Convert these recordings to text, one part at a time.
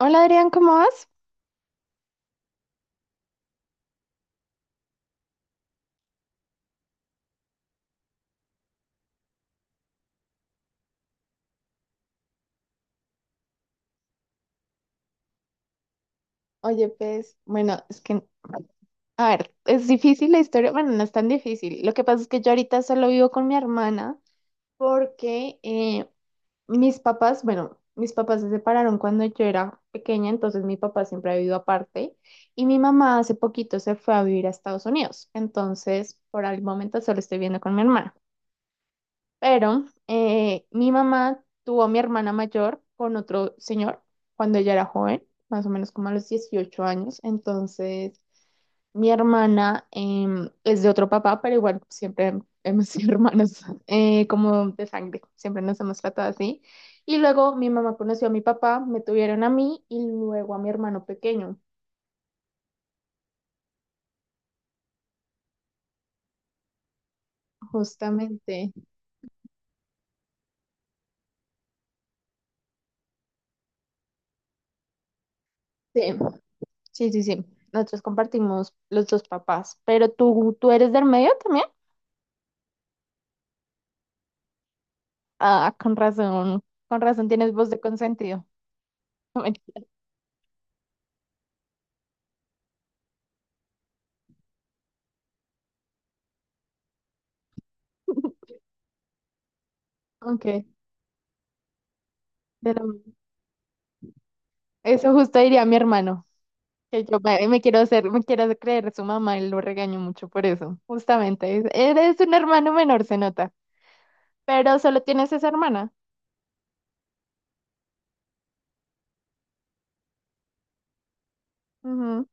Hola Adrián, ¿cómo vas? Oye, pues, bueno, es que, a ver, es difícil la historia. Bueno, no es tan difícil. Lo que pasa es que yo ahorita solo vivo con mi hermana porque mis papás, bueno, mis papás se separaron cuando yo era pequeña. Entonces mi papá siempre ha vivido aparte y mi mamá hace poquito se fue a vivir a Estados Unidos, entonces por el momento solo estoy viviendo con mi hermana. Pero mi mamá tuvo a mi hermana mayor con otro señor cuando ella era joven, más o menos como a los 18 años. Entonces, mi hermana es de otro papá, pero igual siempre hemos sido hermanos como de sangre, siempre nos hemos tratado así. Y luego mi mamá conoció a mi papá, me tuvieron a mí y luego a mi hermano pequeño, justamente. Sí, sí, sí, sí. Nosotros compartimos los dos papás. Pero ¿tú eres del medio también? Ah, con razón tienes voz de consentido. No, mentira. Ok, la- eso justo diría mi hermano, que yo me quiero hacer creer su mamá y lo regaño mucho por eso, justamente. Eres un hermano menor, se nota, pero solo tienes esa hermana. Ujú.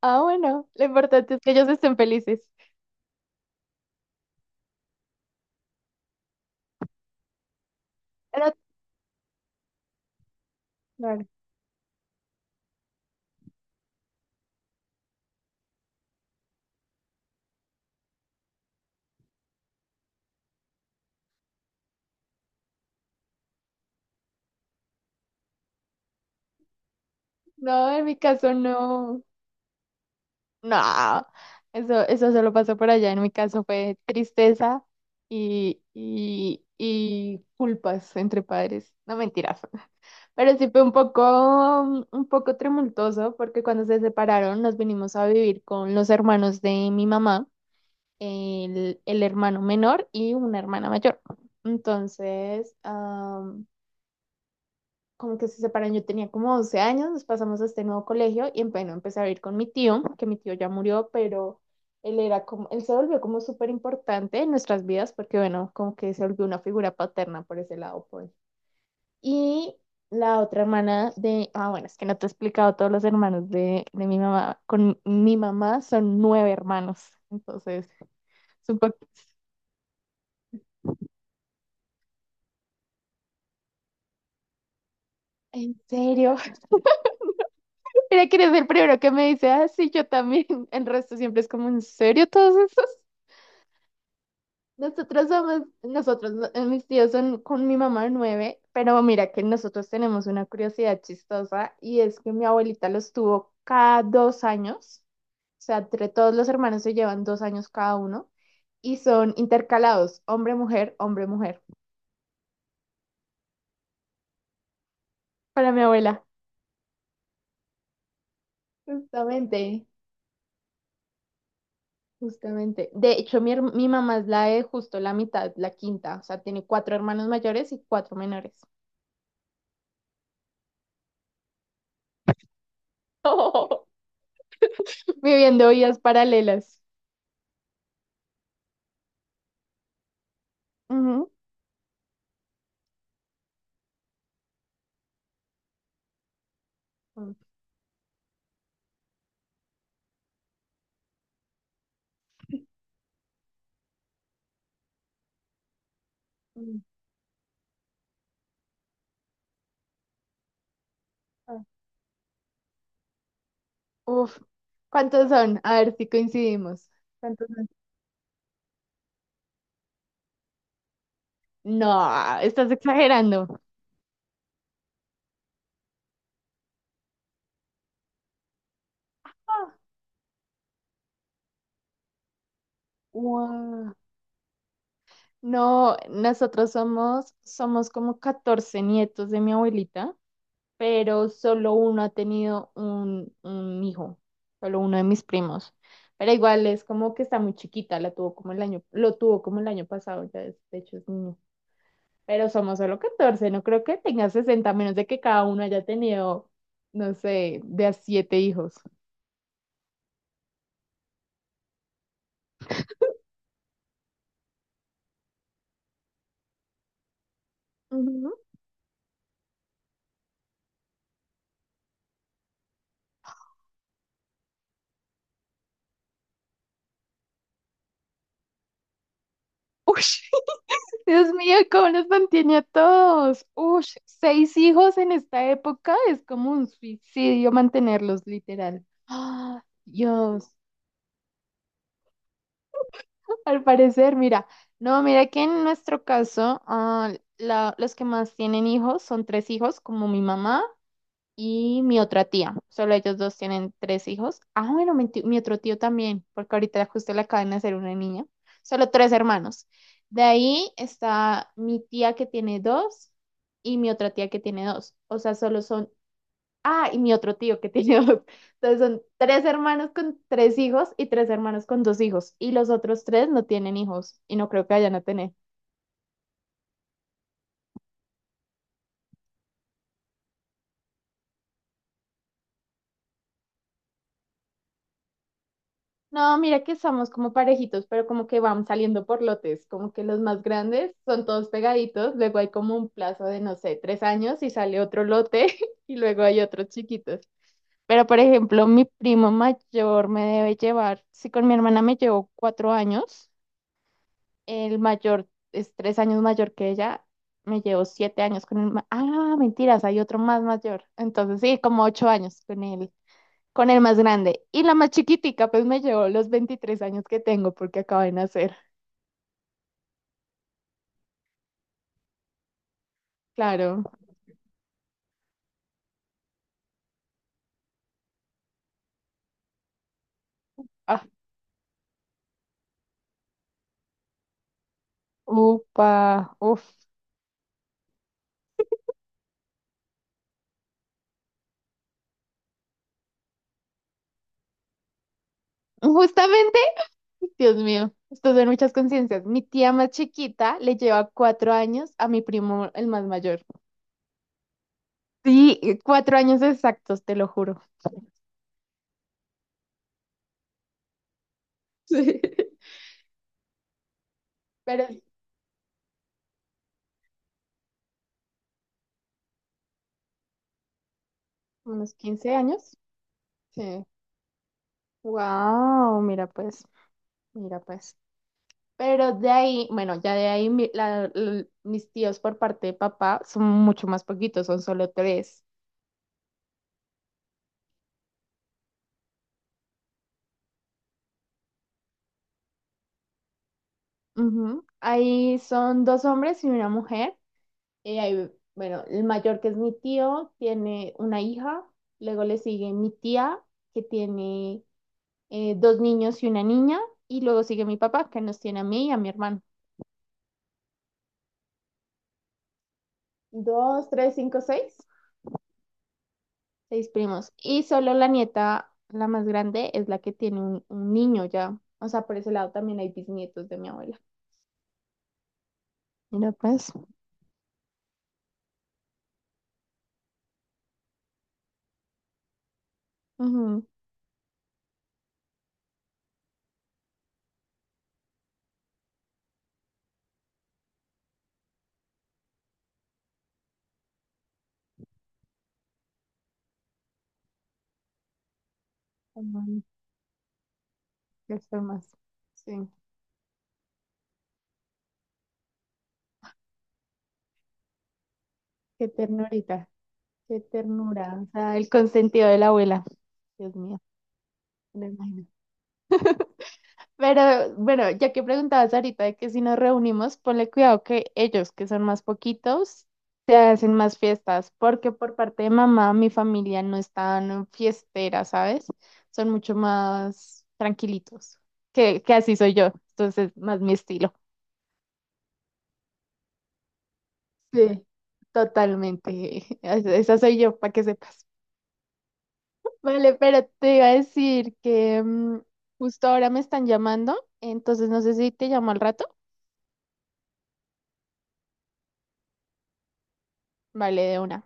Ah, bueno, lo importante es que ellos estén felices. Pero, claro, no, en mi caso no. No, eso solo pasó por allá. En mi caso fue tristeza y, y culpas entre padres. No, mentiras. Pero sí fue un poco tumultuoso porque cuando se separaron nos vinimos a vivir con los hermanos de mi mamá, el hermano menor y una hermana mayor. Entonces, como que se separan, yo tenía como 12 años, nos pasamos a este nuevo colegio y bueno, empecé a ir con mi tío, que mi tío ya murió, pero él era como, él se volvió como súper importante en nuestras vidas porque bueno, como que se volvió una figura paterna por ese lado, pues. Y la otra hermana bueno, es que no te he explicado, todos los hermanos de mi mamá, con mi mamá son nueve hermanos. Entonces, es un poco... ¿En serio? Mira que eres el primero que me dice: ah, sí, yo también. El resto siempre es como: ¿en serio todos esos? Nosotros somos, nosotros, no- Mis tíos son con mi mamá nueve, pero mira que nosotros tenemos una curiosidad chistosa y es que mi abuelita los tuvo cada 2 años, o sea, entre todos los hermanos se llevan 2 años cada uno y son intercalados, hombre-mujer, hombre-mujer, para mi abuela. Justamente, justamente. De hecho, mi mamá es la de justo la mitad, la quinta, o sea, tiene cuatro hermanos mayores y cuatro menores, viviendo vidas paralelas. Ujú. Mm, ah, Uf, ¿cuántos son? A ver si coincidimos. ¿Cuántos son? No, estás exagerando. Ah, no, nosotros somos como 14 nietos de mi abuelita, pero solo uno ha tenido un hijo, solo uno de mis primos. Pero igual es como que está muy chiquita, la tuvo como el año, lo tuvo como el año pasado. Ya de hecho es niño. Pero somos solo 14, no creo que tenga 60 a menos de que cada uno haya tenido, no sé, de a siete hijos. Ujú. Uy, Dios mío, ¿cómo los mantiene a todos? Ush, seis hijos en esta época es como un suicidio mantenerlos, literal. Ah, Dios, al parecer, mira, no, mira que en nuestro caso, los que más tienen hijos son tres hijos, como mi mamá, y mi otra tía. Solo ellos dos tienen tres hijos. Ah, bueno, mi otro tío también, porque ahorita justo le acaban de hacer una niña. Solo tres hermanos. De ahí está mi tía que tiene dos y mi otra tía que tiene dos. O sea, solo son... Ah, y mi otro tío que tiene dos. Entonces son tres hermanos con tres hijos y tres hermanos con dos hijos. Y los otros tres no tienen hijos y no creo que vayan a tener. No, mira que somos como parejitos, pero como que van saliendo por lotes, como que los más grandes son todos pegaditos, luego hay como un plazo de, no sé, 3 años y sale otro lote y luego hay otros chiquitos. Pero, por ejemplo, mi primo mayor me debe llevar, si con mi hermana me llevo 4 años, el mayor es 3 años mayor que ella, me llevo 7 años con el... Ah, mentiras, hay otro más mayor. Entonces, sí, como 8 años con él con el más grande. Y la más chiquitica, pues me llevó los 23 años que tengo porque acaba de nacer. Claro. Ah, upa, uf. Justamente, Dios mío, esto son muchas conciencias. Mi tía más chiquita le lleva 4 años a mi primo, el más mayor. Sí, 4 años exactos, te lo juro. Sí. Pero unos 15 años. Sí. Wow, mira pues, mira pues. Pero de ahí, bueno, ya de ahí mis tíos por parte de papá son mucho más poquitos, son solo tres. Ujú. Ahí son dos hombres y una mujer. Y ahí, bueno, el mayor que es mi tío tiene una hija, luego le sigue mi tía que tiene dos niños y una niña, y luego sigue mi papá que nos tiene a mí y a mi hermano. Dos, tres, cinco, seis. Seis primos. Y solo la nieta, la más grande, es la que tiene un niño ya. O sea, por ese lado también hay bisnietos de mi abuela. Mira, pues. Ujú, como qué formas. Sí. Qué ternurita. Qué ternura. O sea, el consentido de la abuela. Dios mío. Me lo imagino. Pero bueno, ya que preguntabas ahorita de que si nos reunimos, ponle cuidado que ellos, que son más poquitos, se hacen más fiestas, porque por parte de mamá, mi familia no es tan fiestera, ¿sabes? Son mucho más tranquilitos, que así soy yo, entonces más mi estilo. Sí, totalmente. Esa soy yo, para que sepas. Vale, pero te iba a decir que justo ahora me están llamando, entonces no sé si te llamo al rato. Vale, de una.